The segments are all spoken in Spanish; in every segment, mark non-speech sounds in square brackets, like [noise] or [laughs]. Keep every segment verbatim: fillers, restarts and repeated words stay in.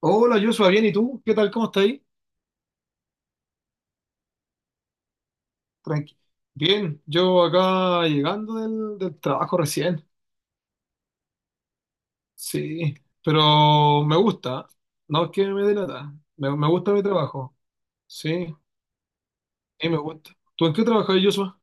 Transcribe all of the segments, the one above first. Hola, Joshua, bien, ¿y tú? ¿Qué tal? ¿Cómo estás ahí? Tranqui. Bien, yo acá llegando del, del trabajo recién. Sí, pero me gusta. No es que me delata. Me, me gusta mi trabajo. Sí, sí, me gusta. ¿Tú en qué trabajas, Joshua?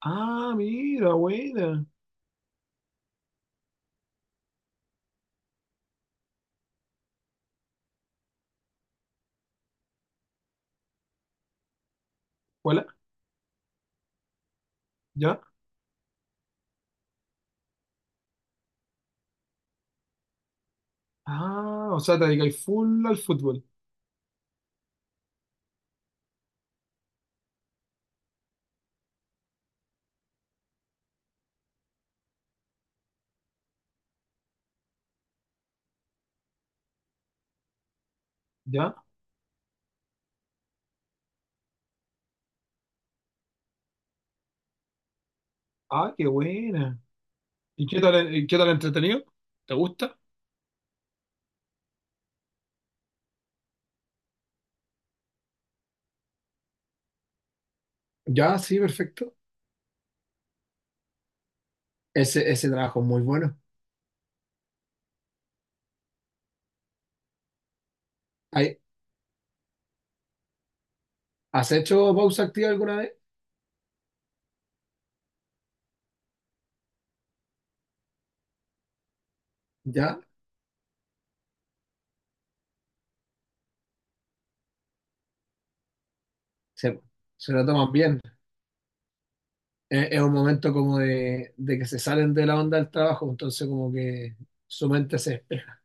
Ah, mira, buena. Hola, ¿ya? Ah, o sea, te dedicas full al fútbol. ¿Ya? Ah, qué buena. ¿Y qué tal, y qué tal entretenido? ¿Te gusta? Ya, sí, perfecto. Ese, ese trabajo es muy bueno. ¿Has hecho pausa activa alguna vez? ¿Ya? Se, se lo toman bien. Es, es un momento como de, de que se salen de la onda del trabajo, entonces como que su mente se despeja.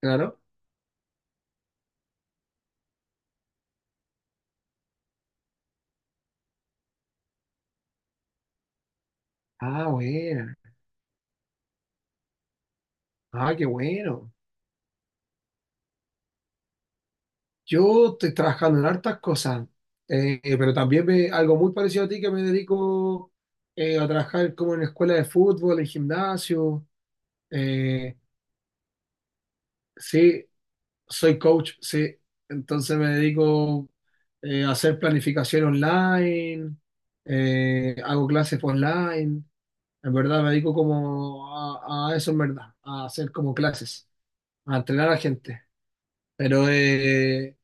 Claro. Ah, buena. Ah, qué bueno. Yo estoy trabajando en hartas cosas, eh, eh, pero también me, algo muy parecido a ti que me dedico eh, a trabajar como en escuela de fútbol, en gimnasio. eh, sí, Soy coach, sí. Entonces me dedico eh, a hacer planificación online, eh, hago clases online. En verdad me dedico como a, a eso, en verdad, a hacer como clases, a entrenar a gente. Pero eh,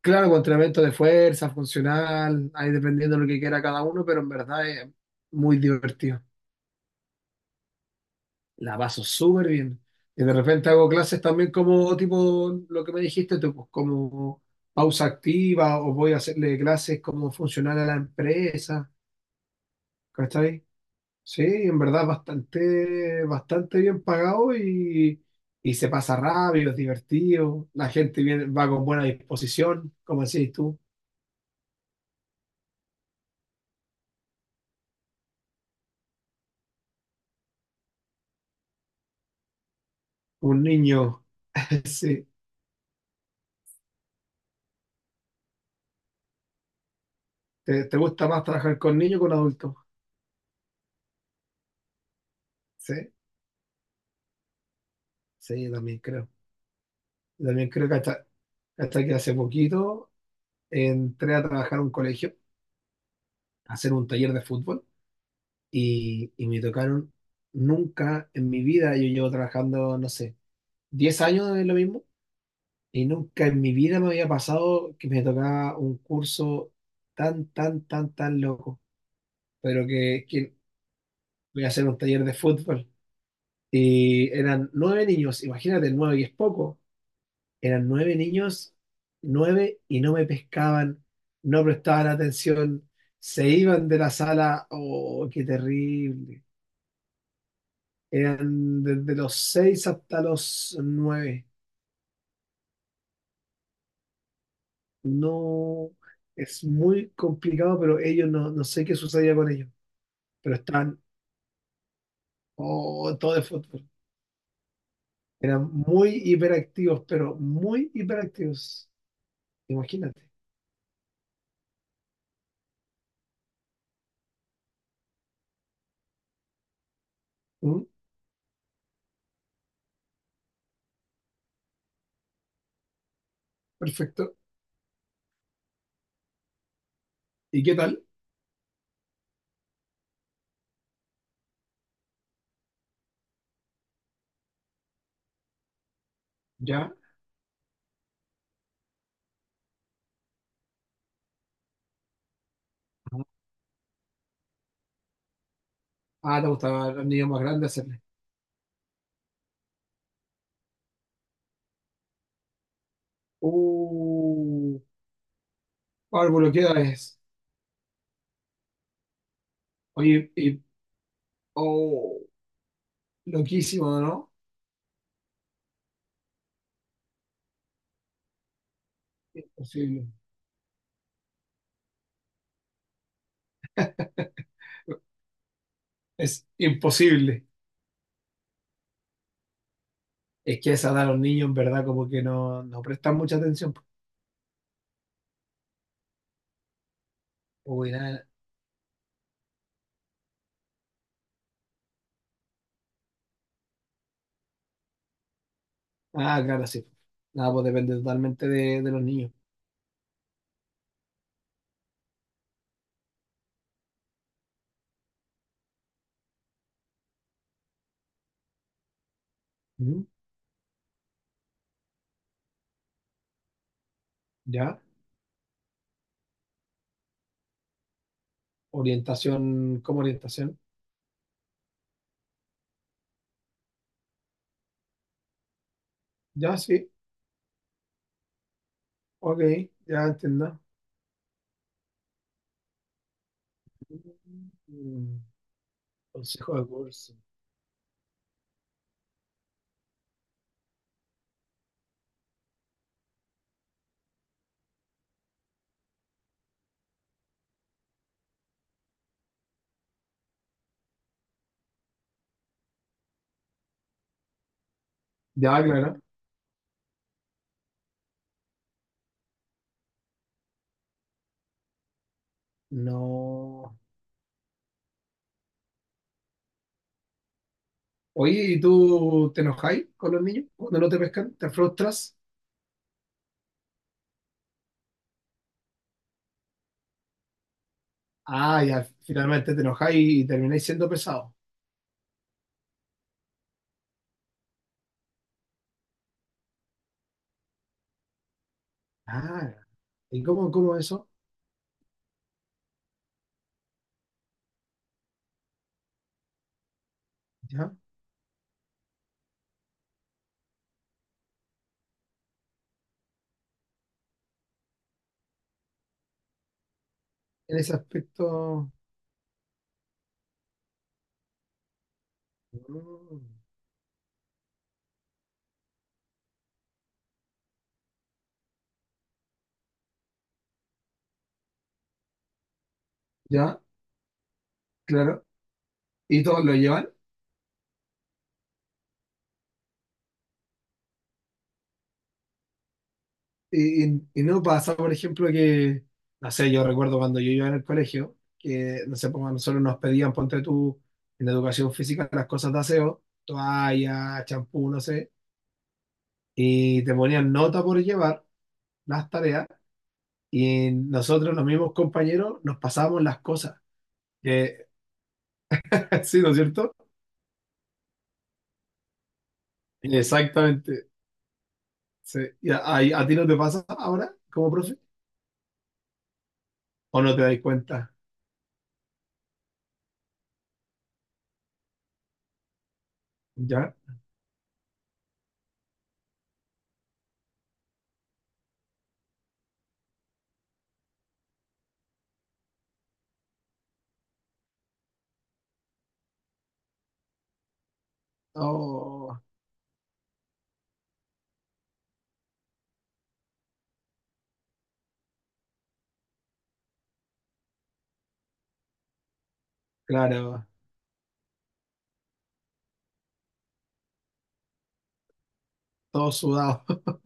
claro, con entrenamiento de fuerza, funcional, ahí dependiendo de lo que quiera cada uno, pero en verdad es muy divertido. La paso súper bien. Y de repente hago clases también como tipo lo que me dijiste tú, pues, como pausa activa o voy a hacerle clases como funcional a la empresa. ¿Cachai? Sí, en verdad bastante, bastante bien pagado y, y se pasa rápido, es divertido. La gente viene, va con buena disposición, como decís tú. Un niño, [laughs] sí. ¿Te, te gusta más trabajar con niños que con adultos? Sí, sí, yo también creo. Yo también creo que hasta, hasta que hace poquito entré a trabajar a un colegio, a hacer un taller de fútbol y, y me tocaron nunca en mi vida, yo llevo trabajando, no sé, diez años de lo mismo y nunca en mi vida me había pasado que me tocaba un curso tan, tan, tan, tan loco, pero que, que voy a hacer un taller de fútbol y eran nueve niños, imagínate, nueve y es poco, Eran nueve niños, nueve, y no me pescaban, no prestaban atención, se iban de la sala. ¡Oh, qué terrible! Eran desde los seis hasta los nueve. No, es muy complicado, pero ellos no, no sé qué sucedía con ellos. Pero están, oh, todo de fútbol. Eran muy hiperactivos, pero muy hiperactivos. Imagínate. Mm, Perfecto. ¿Y qué tal? ¿Ya? Ah, te gustaba a los niños más grandes hacerle. Uh, Álvaro, ¿qué edad es? Oye, y- oh, loquísimo, ¿no? Imposible. Es imposible. Es que a esa edad los niños en verdad como que no, no prestan mucha atención, pues. Uy, nada. Ah, claro, sí. Nada, pues depende totalmente de, de los niños. Ujú, ¿ya? Orientación, ¿cómo orientación? Ya, sí. Ok, ya entiendo. Mm, Consejo de curso. Ya, claro. No. Oye, ¿y tú te enojáis con los niños cuando no te pescan? ¿Te frustras? Ah, ya, finalmente te enojáis y termináis siendo pesado. Ah, ¿y cómo, cómo eso? ¿Ya? En ese aspecto. Mm, ¿Ya? Claro. ¿Y todos lo llevan? ¿Y, y- y no pasa, por ejemplo, que, no sé, yo recuerdo cuando yo iba en el colegio, que, no sé, pues a nosotros nos pedían, ponte tú, en educación física, las cosas de aseo, toalla, champú, no sé, y te ponían nota por llevar las tareas. Y nosotros, los mismos compañeros, nos pasábamos las cosas. Eh, [laughs] sí, ¿no es cierto? Exactamente. Sí. ¿Y a, a- a ti no te pasa ahora como profe? ¿O no te das cuenta? ¿Ya? Oh, claro, todo sudado. [laughs]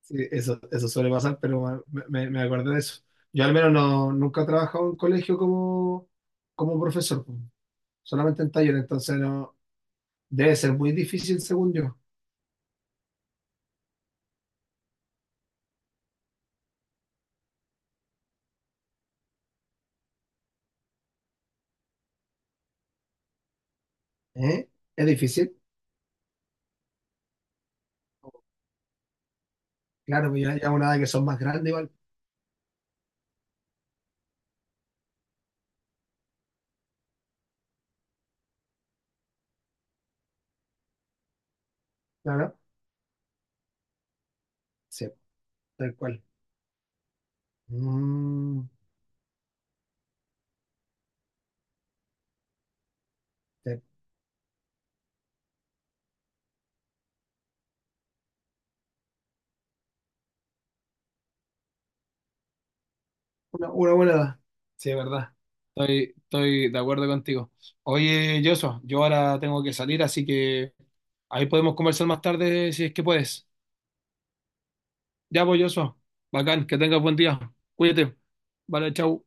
Sí, eso, eso suele pasar, pero bueno, me, me, me acordé de eso. Yo al menos no, nunca he trabajado en colegio como, como profesor, po. Solamente en taller, entonces no, debe ser muy difícil según yo. ¿Eh? ¿Es difícil? Claro, pues ya, ya una edad que son más grandes igual. Claro. Sí, tal cual. Mm, sí. Una, una buena edad. Sí, es verdad. Estoy, estoy de acuerdo contigo. Oye, Yoso, yo ahora tengo que salir, así que ahí podemos conversar más tarde si es que puedes. Ya, pues, Yoso. Bacán, que tengas buen día. Cuídate. Vale, chau.